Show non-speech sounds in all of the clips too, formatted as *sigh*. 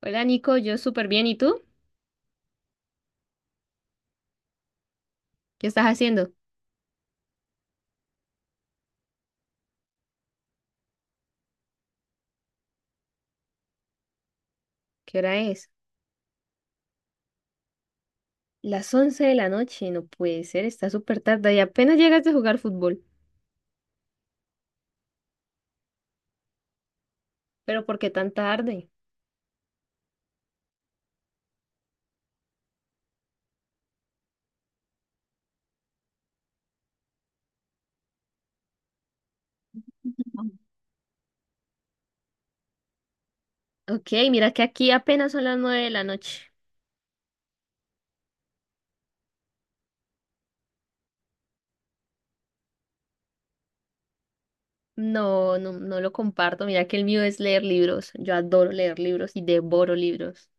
Hola Nico, yo súper bien. ¿Y tú? ¿Qué estás haciendo? ¿Qué hora es? Las 11 de la noche, no puede ser, está súper tarde y apenas llegas de jugar fútbol. ¿Pero por qué tan tarde? Ok, mira que aquí apenas son las 9 de la noche. No, no, lo comparto. Mira que el mío es leer libros. Yo adoro leer libros y devoro libros.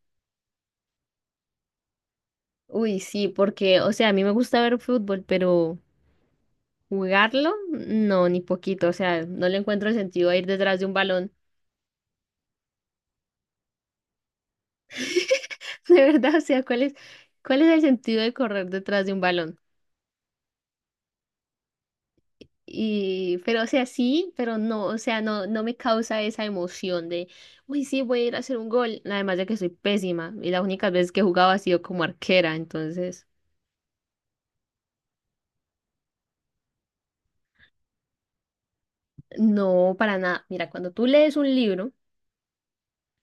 Uy, sí, porque, o sea, a mí me gusta ver fútbol, pero jugarlo, no, ni poquito. O sea, no le encuentro el sentido a ir detrás de un balón. *laughs* De verdad, o sea, ¿cuál es el sentido de correr detrás de un balón? Y, pero, o sea, sí, pero no, o sea, no, no me causa esa emoción de, uy, sí, voy a ir a hacer un gol. Además de que soy pésima y las únicas veces que he jugado ha sido como arquera, entonces, no, para nada. Mira, cuando tú lees un libro,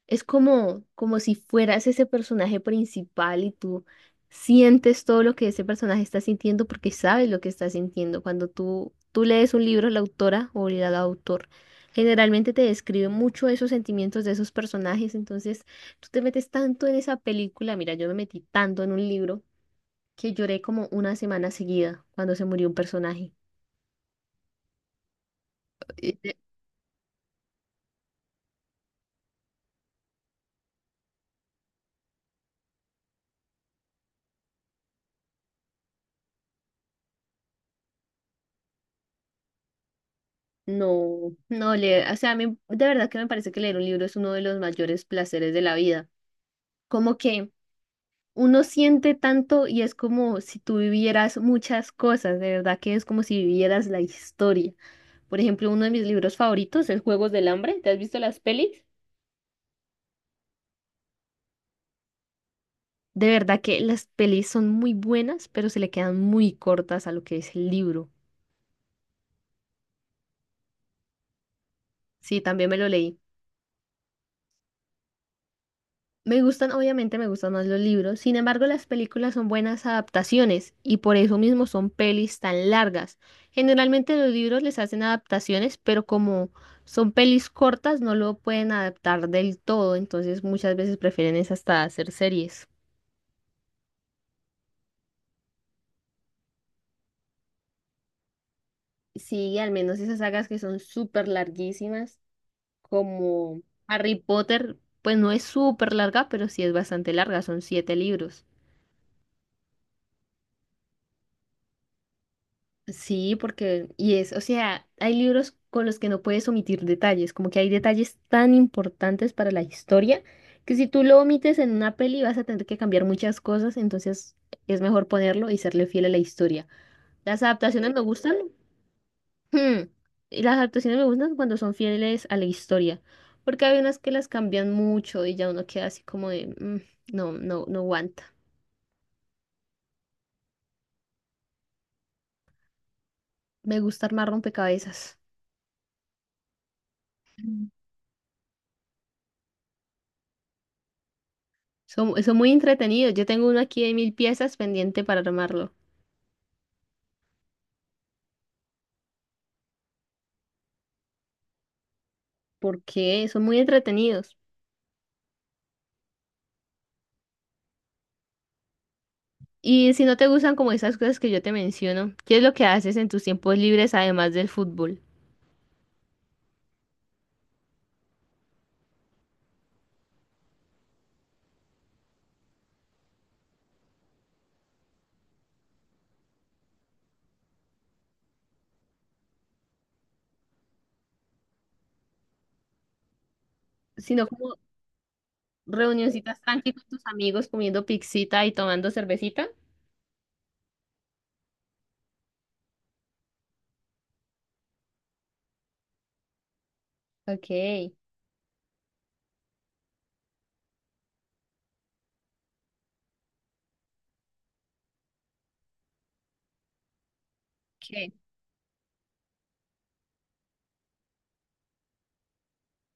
es como, como si fueras ese personaje principal y tú sientes todo lo que ese personaje está sintiendo porque sabes lo que está sintiendo. Cuando tú lees un libro, la autora o el autor generalmente te describe mucho esos sentimientos de esos personajes. Entonces tú te metes tanto en esa película. Mira, yo me metí tanto en un libro que lloré como una semana seguida cuando se murió un personaje. Eh, eh, No, no leer, o sea, a mí de verdad que me parece que leer un libro es uno de los mayores placeres de la vida. Como que uno siente tanto y es como si tú vivieras muchas cosas, de verdad que es como si vivieras la historia. Por ejemplo, uno de mis libros favoritos es Juegos del Hambre. ¿Te has visto las pelis? De verdad que las pelis son muy buenas, pero se le quedan muy cortas a lo que es el libro. Sí, también me lo leí. Me gustan, obviamente me gustan más los libros, sin embargo las películas son buenas adaptaciones y por eso mismo son pelis tan largas. Generalmente los libros les hacen adaptaciones, pero como son pelis cortas no lo pueden adaptar del todo, entonces muchas veces prefieren es hasta hacer series. Sí, al menos esas sagas que son súper larguísimas, como Harry Potter, pues no es súper larga, pero sí es bastante larga, son 7 libros. Sí, porque, y es, o sea, hay libros con los que no puedes omitir detalles, como que hay detalles tan importantes para la historia que si tú lo omites en una peli vas a tener que cambiar muchas cosas, entonces es mejor ponerlo y serle fiel a la historia. Las adaptaciones me gustan. Hmm, y las adaptaciones me gustan cuando son fieles a la historia, porque hay unas que las cambian mucho y ya uno queda así como de, "Mm, no, no aguanta". Me gusta armar rompecabezas. Son muy entretenidos. Yo tengo uno aquí de 1000 piezas pendiente para armarlo. Porque son muy entretenidos. Y si no te gustan como esas cosas que yo te menciono, ¿qué es lo que haces en tus tiempos libres además del fútbol? Sino como reunioncitas tranqui con tus amigos comiendo pixita y tomando cervecita. Ok. ¿Qué?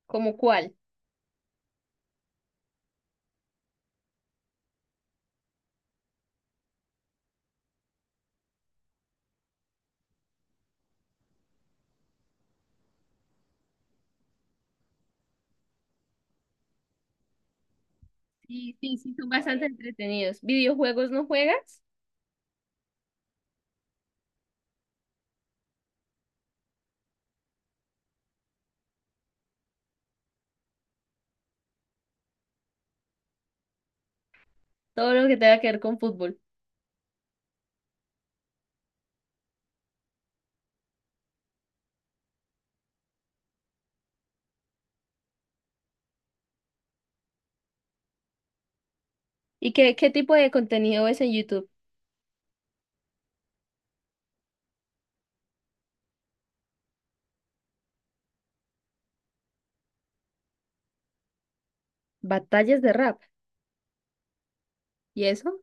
¿Cómo cuál? Sí, sí, sí, son bastante entretenidos. ¿Videojuegos no juegas? Todo lo que tenga que ver con fútbol. ¿Qué tipo de contenido ves en YouTube? Batallas de rap. ¿Y eso?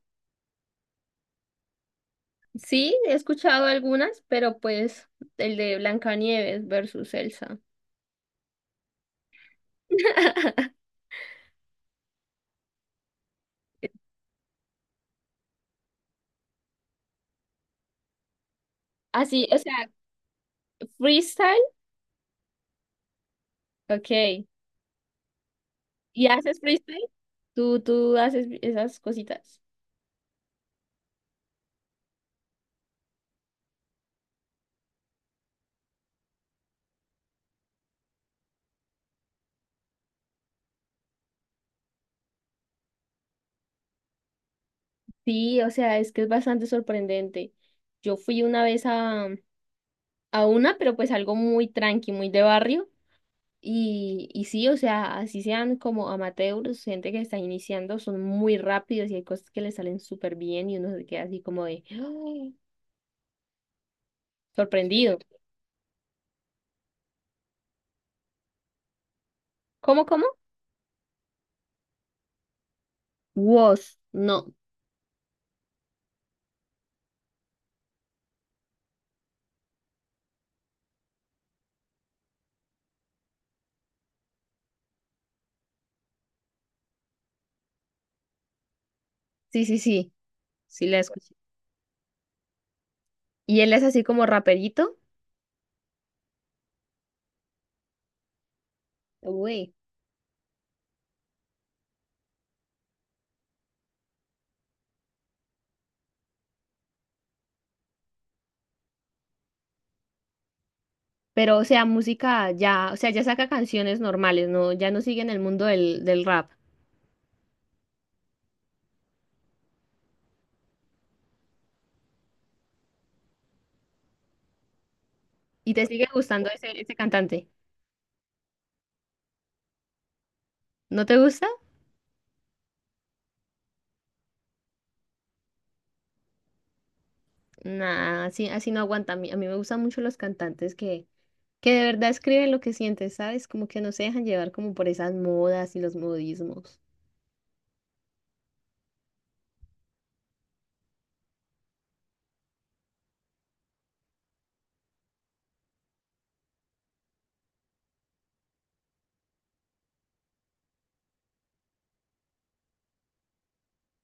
Sí, he escuchado algunas, pero pues el de Blancanieves versus Elsa. *laughs* Así, o sea, freestyle, ok. ¿Y haces freestyle? ¿Tú haces esas cositas? Sí, o sea, es que es bastante sorprendente. Yo fui una vez a una, pero pues algo muy tranqui, muy de barrio. Y sí, o sea, así sean como amateurs, gente que está iniciando, son muy rápidos y hay cosas que les salen súper bien y uno se queda así como de *gasps* ¡ah! Sorprendido. ¿Cómo? Was, no. Sí, sí, sí. Sí, la escuché. Y él es así como raperito. Uy. Pero o sea, música ya, o sea, ya saca canciones normales, no, ya no sigue en el mundo del rap. ¿Y te sigue gustando ese cantante? ¿No te gusta? Nah, así, así no aguanta. A mí me gustan mucho los cantantes que de verdad escriben lo que sienten, ¿sabes? Como que no se dejan llevar como por esas modas y los modismos.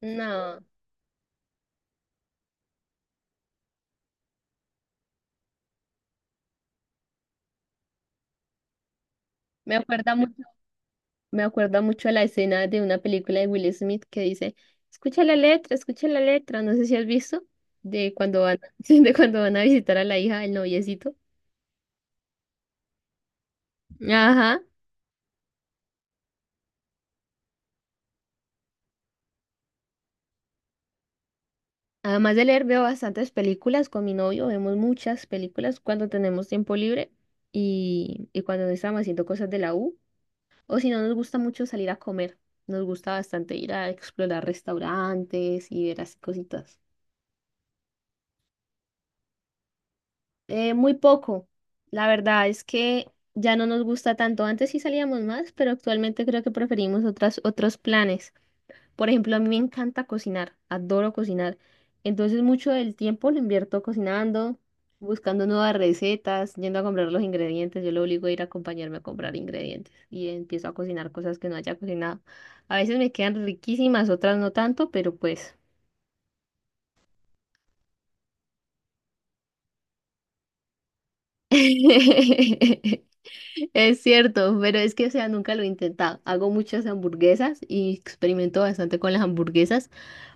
No, me acuerda mu- me acuerda mucho a la escena de una película de Will Smith que dice, escucha la letra, no sé si has visto, de cuando van, *laughs* sí, de cuando van a visitar a la hija del noviecito. Ajá. Además de leer, veo bastantes películas con mi novio, vemos muchas películas cuando tenemos tiempo libre y cuando no estamos haciendo cosas de la U. O si no, nos gusta mucho salir a comer. Nos gusta bastante ir a explorar restaurantes y ver así cositas. Muy poco. La verdad es que ya no nos gusta tanto. Antes sí salíamos más, pero actualmente creo que preferimos otros planes. Por ejemplo, a mí me encanta cocinar, adoro cocinar. Entonces mucho del tiempo lo invierto cocinando, buscando nuevas recetas, yendo a comprar los ingredientes. Yo lo obligo a ir a acompañarme a comprar ingredientes y empiezo a cocinar cosas que no haya cocinado. A veces me quedan riquísimas, otras no tanto, pero pues... *laughs* Es cierto, pero es que, o sea, nunca lo he intentado. Hago muchas hamburguesas y experimento bastante con las hamburguesas,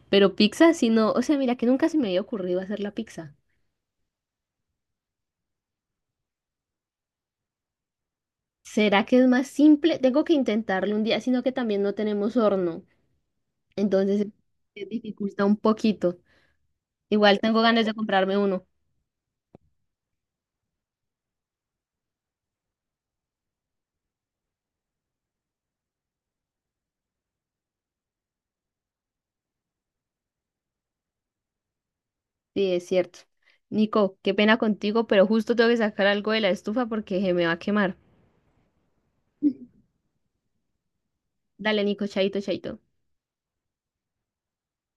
pero pizza, si no, o sea, mira que nunca se me había ocurrido hacer la pizza. ¿Será que es más simple? Tengo que intentarlo un día, sino que también no tenemos horno, entonces se dificulta un poquito. Igual tengo ganas de comprarme uno. Sí, es cierto. Nico, qué pena contigo, pero justo tengo que sacar algo de la estufa porque se me va a quemar. *laughs* Dale, Nico, chaito, chaito.